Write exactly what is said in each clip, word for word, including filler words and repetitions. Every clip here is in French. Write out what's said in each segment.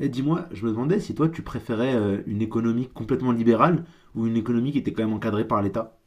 Et dis-moi, je me demandais si toi tu préférais euh, une économie complètement libérale ou une économie qui était quand même encadrée par l'État.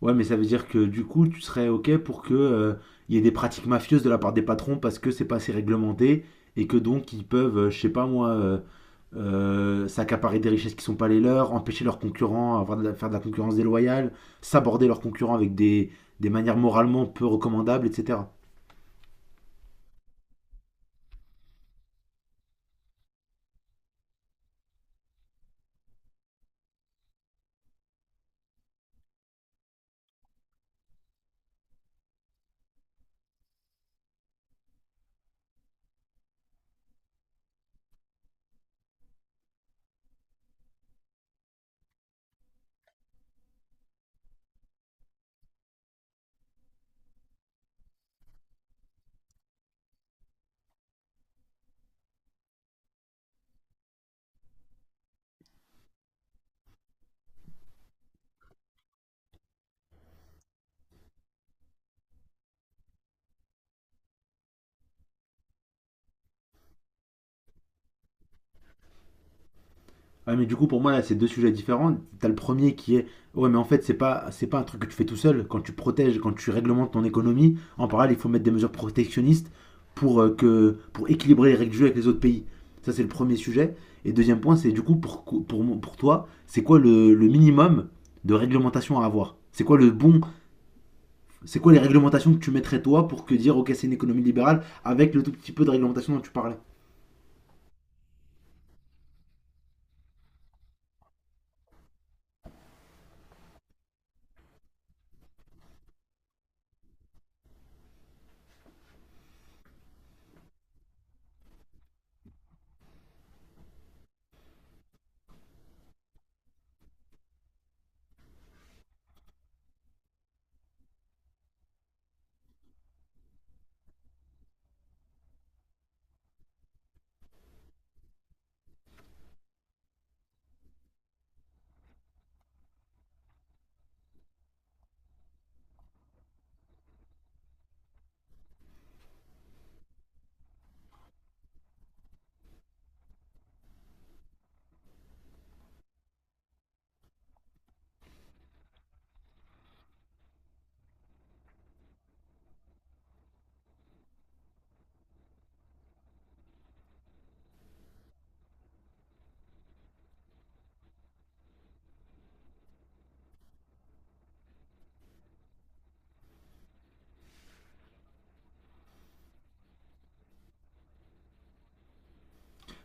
Ouais, mais ça veut dire que du coup tu serais OK pour que euh, il y ait des pratiques mafieuses de la part des patrons parce que c'est pas assez réglementé et que donc ils peuvent, euh, je sais pas moi, euh, euh, s'accaparer des richesses qui sont pas les leurs, empêcher leurs concurrents, avoir de la- faire de la concurrence déloyale, s'aborder leurs concurrents avec des, des manières moralement peu recommandables, et cetera. Ouais, mais du coup, pour moi, là, c'est deux sujets différents. T'as le premier qui est, ouais, mais en fait, c'est pas, c'est pas un truc que tu fais tout seul. Quand tu protèges, quand tu réglementes ton économie, en parallèle, il faut mettre des mesures protectionnistes pour, euh, que, pour équilibrer les règles du jeu avec les autres pays. Ça, c'est le premier sujet. Et deuxième point, c'est du coup, pour, pour, mon- pour toi, c'est quoi le, le minimum de réglementation à avoir. C'est quoi le bon, c'est quoi les réglementations que tu mettrais toi pour que dire, ok, c'est une économie libérale avec le tout petit peu de réglementation dont tu parlais.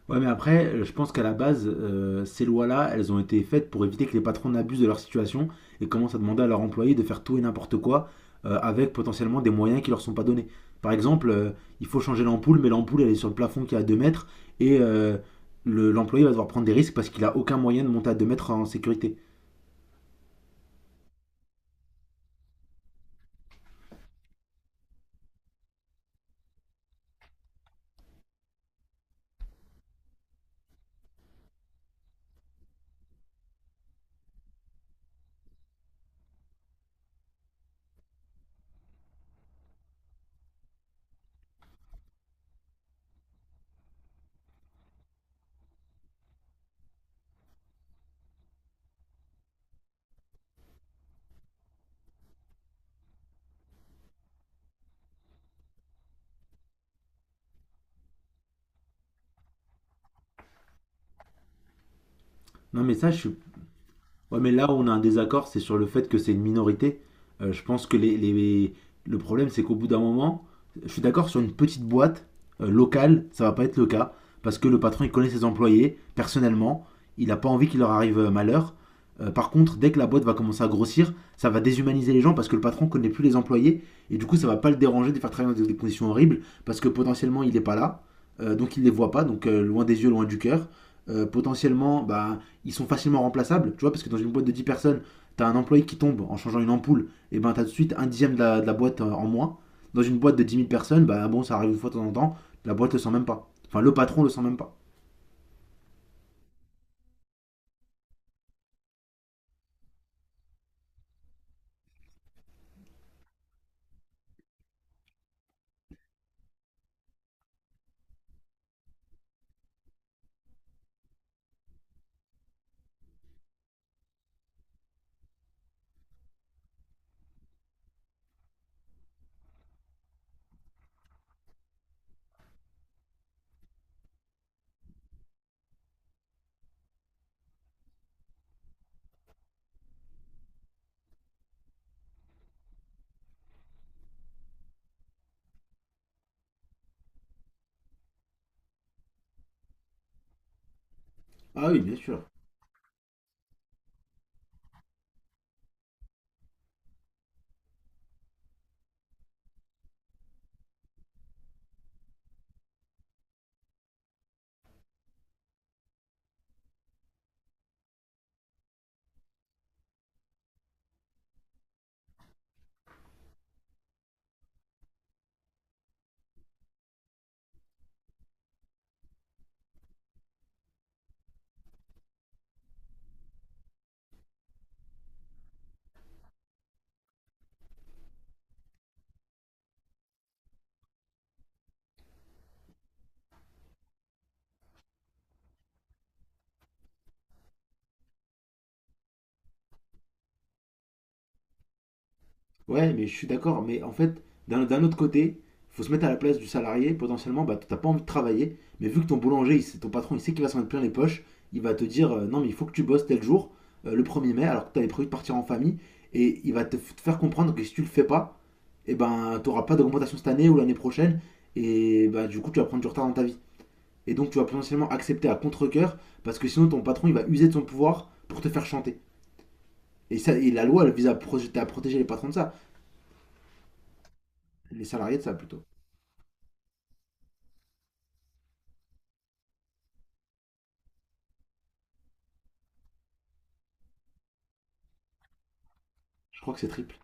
Ouais, mais après, euh, je pense qu'à la base, euh, ces lois-là, elles ont été faites pour éviter que les patrons n'abusent de leur situation et commencent à demander à leurs employés de faire tout et n'importe quoi euh, avec potentiellement des moyens qui leur sont pas donnés. Par exemple, euh, il faut changer l'ampoule, mais l'ampoule, elle est sur le plafond qui est à deux mètres et euh, le- l'employé va devoir prendre des risques parce qu'il a aucun moyen de monter à deux mètres en sécurité. Non, mais ça, je suis. Ouais, mais là où on a un désaccord, c'est sur le fait que c'est une minorité. Euh, je pense que les, les- le problème, c'est qu'au bout d'un moment, je suis d'accord sur une petite boîte euh, locale, ça va pas être le cas, parce que le patron, il connaît ses employés, personnellement, il n'a pas envie qu'il leur arrive euh, malheur. Euh, par contre, dès que la boîte va commencer à grossir, ça va déshumaniser les gens parce que le patron connaît plus les employés et du coup, ça va pas le déranger de les faire travailler dans des des conditions horribles parce que potentiellement, il n'est pas là, euh, donc il les voit pas, donc euh, loin des yeux, loin du cœur euh, potentiellement, bah, ils sont facilement remplaçables, tu vois, parce que dans une boîte de dix personnes, t'as un employé qui tombe en changeant une ampoule, et ben t'as tout de suite un dixième de la, de la boîte euh, en moins. Dans une boîte de dix mille personnes, bah bon, ça arrive une fois de temps en temps, la boîte le sent même pas. Enfin, le patron le sent même pas. Ah oui, bien sûr. Ouais, mais je suis d'accord. Mais en fait, d'un d'un autre côté, faut se mettre à la place du salarié. Potentiellement, bah, t'as pas envie de travailler. Mais vu que ton boulanger, il sait- ton patron, il sait qu'il va s'en mettre plein les poches, il va te dire euh, non, mais il faut que tu bosses tel jour, euh, le premier mai, alors que t'avais prévu de partir en famille. Et il va te, f- te faire comprendre que si tu le fais pas, et ben, t'auras pas d'augmentation cette année ou l'année prochaine. Et bah, du coup, tu vas prendre du retard dans ta vie. Et donc, tu vas potentiellement accepter à contre-cœur parce que sinon, ton patron, il va user de son pouvoir pour te faire chanter. Et, ça, et la loi, elle vise à protéger, à protéger les patrons de ça, les salariés de ça plutôt. Je crois que c'est triple.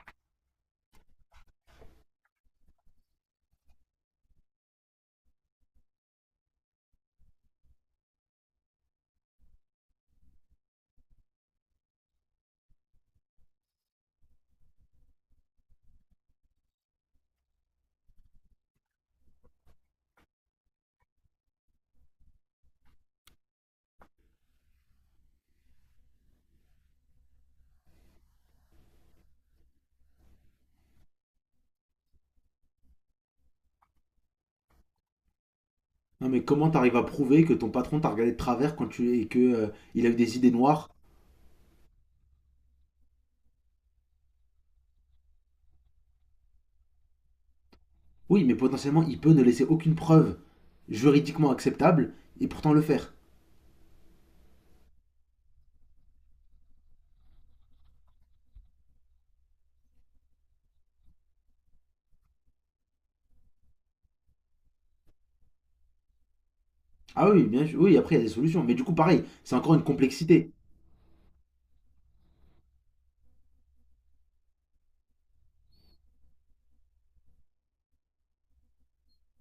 Non, mais comment t'arrives à prouver que ton patron t'a regardé de travers quand tu et que euh, il a eu des idées noires. Oui, mais potentiellement, il peut ne laisser aucune preuve juridiquement acceptable et pourtant le faire. Ah oui, bien sûr. Oui, après, il y a des solutions. Mais du coup, pareil, c'est encore une complexité.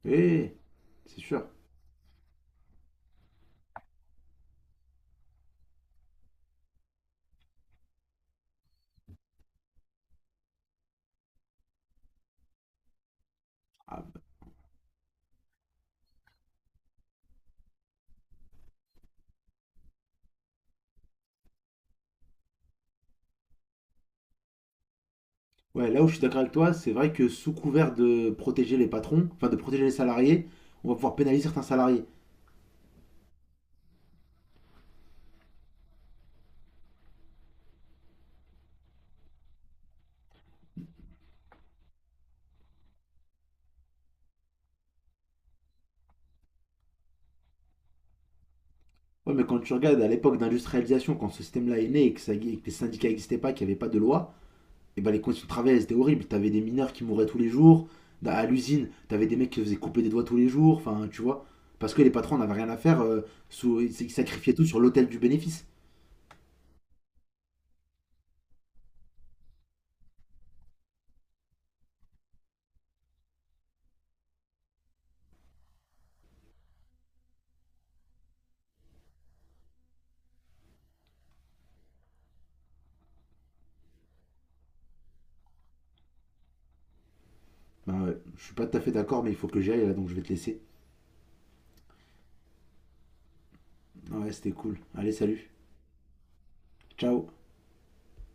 Oui, c'est sûr. Ah, bah. Ouais, là où je suis d'accord avec toi, c'est vrai que sous couvert de protéger les patrons, enfin de protéger les salariés, on va pouvoir pénaliser certains salariés. Ouais, mais quand tu regardes à l'époque d'industrialisation, quand ce système-là est né et que, ça- et que les syndicats n'existaient pas, qu'il n'y avait pas de loi, et ben les conditions de travail, elles étaient horribles. T'avais des mineurs qui mouraient tous les jours. À l'usine, t'avais des mecs qui se faisaient couper des doigts tous les jours. Enfin, tu vois. Parce que les patrons n'avaient rien à faire. euh, sous, ils ils sacrifiaient tout sur l'autel du bénéfice. Ben ouais, je suis pas tout à fait d'accord, mais il faut que j'y aille là, donc je vais te laisser. Ouais, c'était cool. Allez, salut. Ciao.